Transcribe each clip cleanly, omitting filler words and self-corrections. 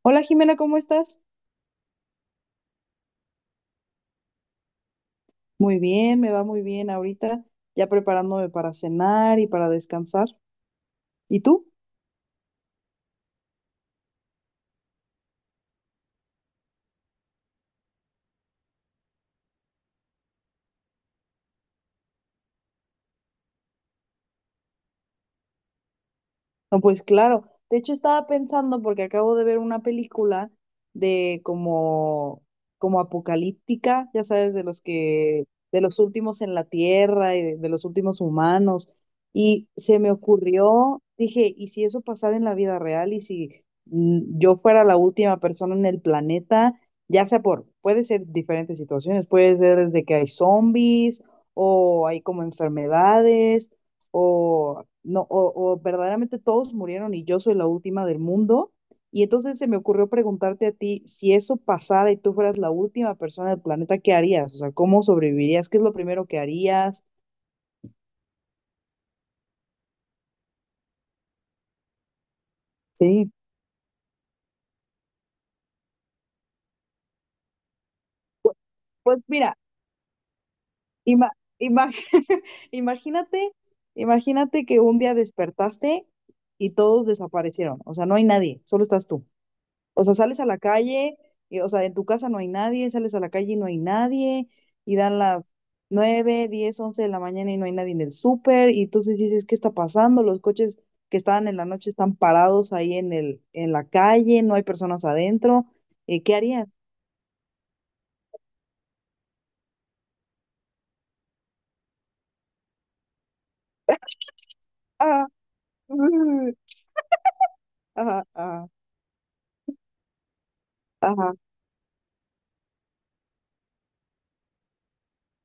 Hola Jimena, ¿cómo estás? Muy bien, me va muy bien ahorita, ya preparándome para cenar y para descansar. ¿Y tú? No, pues claro. De hecho, estaba pensando, porque acabo de ver una película de como, como apocalíptica, ya sabes, de los últimos en la Tierra y de los últimos humanos. Y se me ocurrió, dije, ¿y si eso pasara en la vida real? ¿Y si yo fuera la última persona en el planeta? Puede ser diferentes situaciones, puede ser desde que hay zombies o hay como enfermedades o no, o verdaderamente todos murieron y yo soy la última del mundo. Y entonces se me ocurrió preguntarte a ti, si eso pasara y tú fueras la última persona del planeta, ¿qué harías? O sea, ¿cómo sobrevivirías? ¿Qué es lo primero que harías? Sí. Pues mira, ima- ima- imagínate, imagínate que un día despertaste y todos desaparecieron. O sea, no hay nadie, solo estás tú. O sea, sales a la calle, y, o sea, en tu casa no hay nadie, sales a la calle y no hay nadie, y dan las 9, 10, 11 de la mañana y no hay nadie en el súper, y entonces dices, ¿qué está pasando? Los coches que estaban en la noche están parados ahí en la calle, no hay personas adentro. ¿Qué harías? Ah, mm, ajá, ajá, ajá,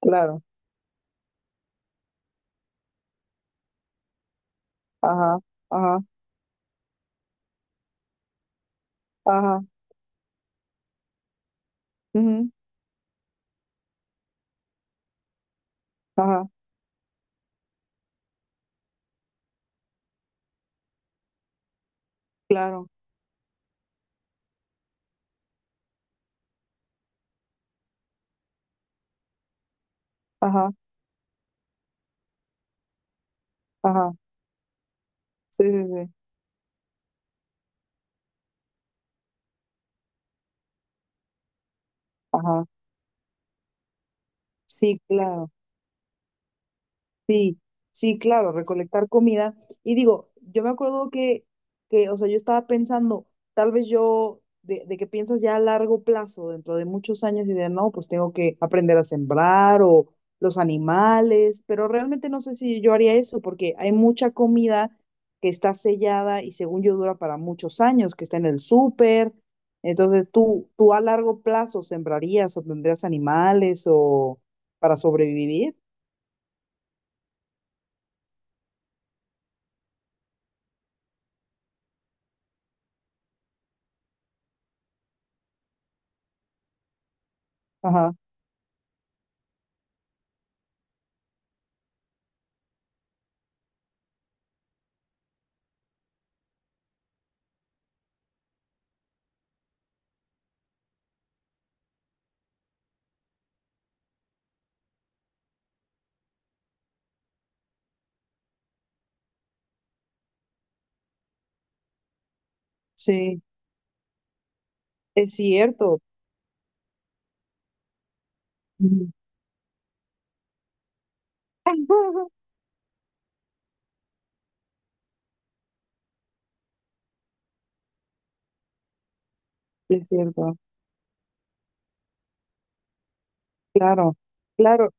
claro, ajá, ajá, ajá, ujú, ajá, claro, ajá, ajá, sí, sí, sí, ajá, sí, claro. Sí, sí, claro, recolectar comida. Y digo, yo me acuerdo o sea, yo estaba pensando, tal vez yo, de que piensas ya a largo plazo, dentro de muchos años, y de no, pues tengo que aprender a sembrar o los animales, pero realmente no sé si yo haría eso, porque hay mucha comida que está sellada y según yo dura para muchos años, que está en el súper. Entonces, ¿tú a largo plazo sembrarías o tendrías animales o para sobrevivir? Ajá, sí. Es cierto. Ujú. Es cierto. Claro, claro,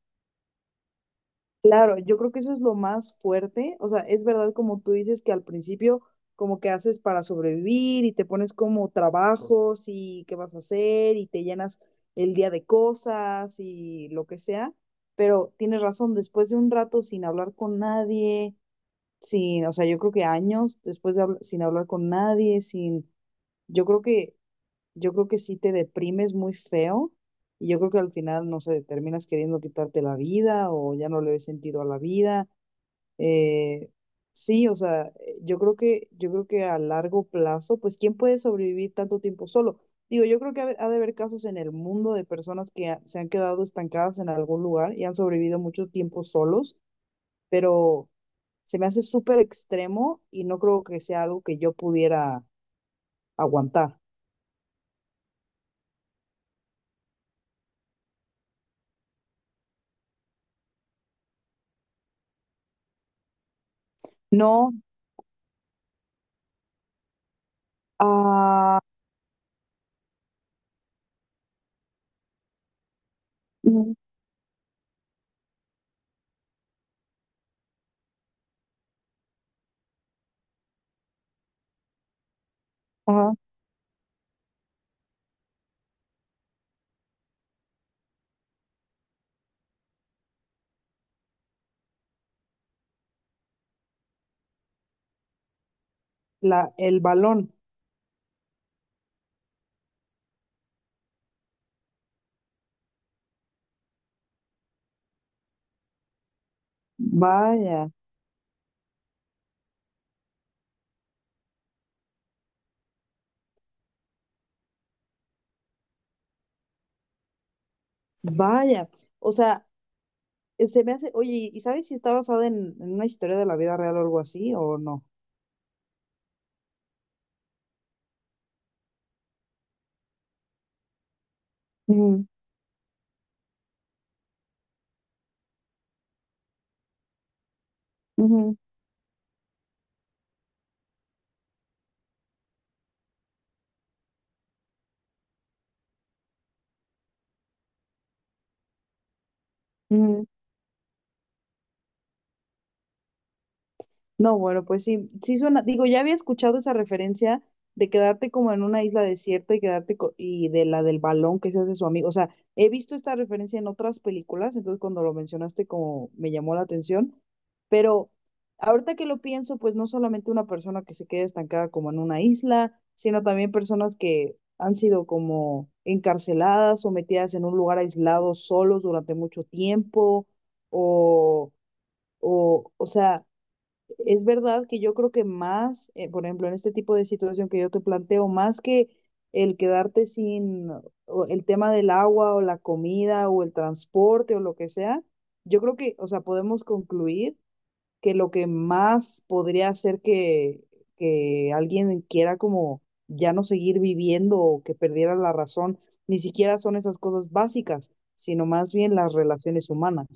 claro. Yo creo que eso es lo más fuerte. O sea, es verdad como tú dices que al principio como que haces para sobrevivir y te pones como trabajos y qué vas a hacer y te llenas el día de cosas y lo que sea. Pero tienes razón, después de un rato sin hablar con nadie, sin, o sea, yo creo que años después de sin hablar con nadie, sin, yo creo que yo creo que sí te deprimes muy feo y yo creo que al final, no sé, terminas queriendo quitarte la vida o ya no le ves sentido a la vida. Eh, sí, o sea, yo creo que a largo plazo, pues, ¿quién puede sobrevivir tanto tiempo solo? Digo, yo creo que de ha de haber casos en el mundo de personas se han quedado estancadas en algún lugar y han sobrevivido mucho tiempo solos, pero se me hace súper extremo y no creo que sea algo que yo pudiera aguantar. No, ah, ajá. El balón. Vaya, vaya. O sea, se me hace, oye, ¿y sabes si está basada en una historia de la vida real o algo así o no? Ujú, ujú, ujú. No, bueno, pues sí, sí suena, digo, ya había escuchado esa referencia de quedarte como en una isla desierta y y de la del balón que se hace su amigo, o sea, he visto esta referencia en otras películas, entonces cuando lo mencionaste como me llamó la atención, pero ahorita que lo pienso, pues no solamente una persona que se quede estancada como en una isla, sino también personas que han sido como encarceladas o metidas en un lugar aislado solos durante mucho tiempo o o sea, es verdad que yo creo que más, por ejemplo, en este tipo de situación que yo te planteo, más que el quedarte sin o el tema del agua o la comida o el transporte o lo que sea, yo creo que, o sea, podemos concluir que lo que más podría hacer que alguien quiera como ya no seguir viviendo o que perdiera la razón, ni siquiera son esas cosas básicas, sino más bien las relaciones humanas.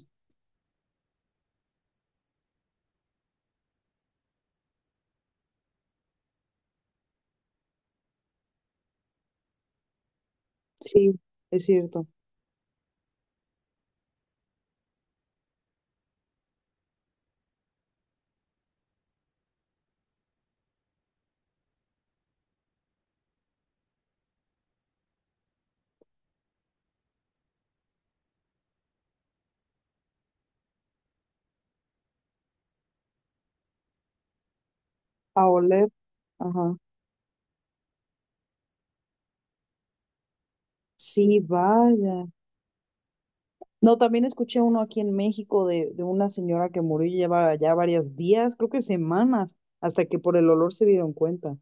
Sí, es cierto. A oler, ajá. Sí, vaya. No, también escuché uno aquí en México de una señora que murió y lleva ya varios días, creo que semanas, hasta que por el olor se dieron cuenta.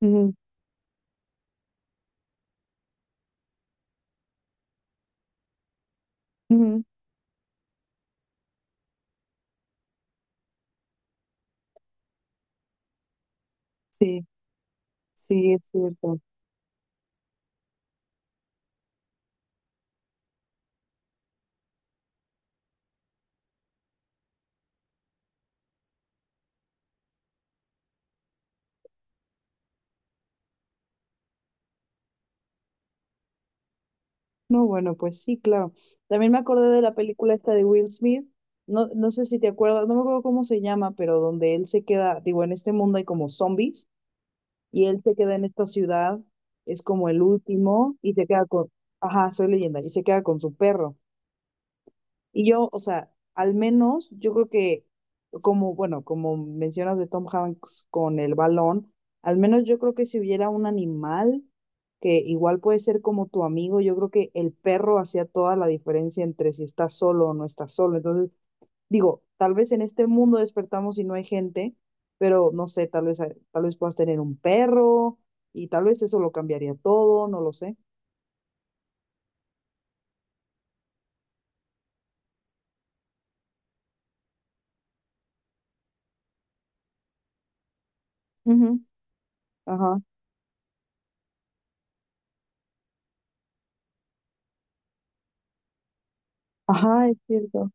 Ujú, ujú. Sí, sí, es cierto. No, bueno, pues sí, claro. También me acordé de la película esta de Will Smith. No, no sé si te acuerdas, no me acuerdo cómo se llama, pero donde él se queda, digo, en este mundo hay como zombies y él se queda en esta ciudad, es como el último y se queda con, ajá, soy leyenda, y se queda con su perro. Y yo, o sea, al menos yo creo que, como, bueno, como mencionas de Tom Hanks con el balón, al menos yo creo que si hubiera un animal que igual puede ser como tu amigo, yo creo que el perro hacía toda la diferencia entre si estás solo o no estás solo. Entonces, digo, tal vez en este mundo despertamos y no hay gente, pero no sé, tal vez puedas tener un perro y tal vez eso lo cambiaría todo, no lo sé. Ujú, ajá. Ajá, es cierto.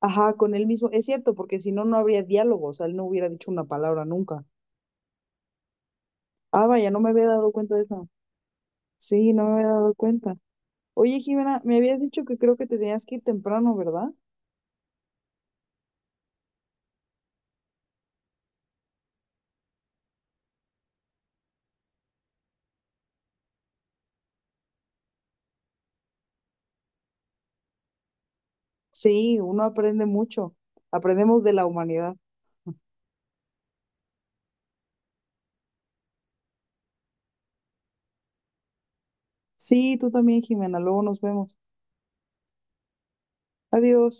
Ajá, con él mismo. Es cierto, porque si no, no habría diálogo. O sea, él no hubiera dicho una palabra nunca. Ah, vaya, no me había dado cuenta de eso. Sí, no me había dado cuenta. Oye, Jimena, me habías dicho que creo que te tenías que ir temprano, ¿verdad? Sí, uno aprende mucho. Aprendemos de la humanidad. Sí, tú también, Jimena. Luego nos vemos. Adiós.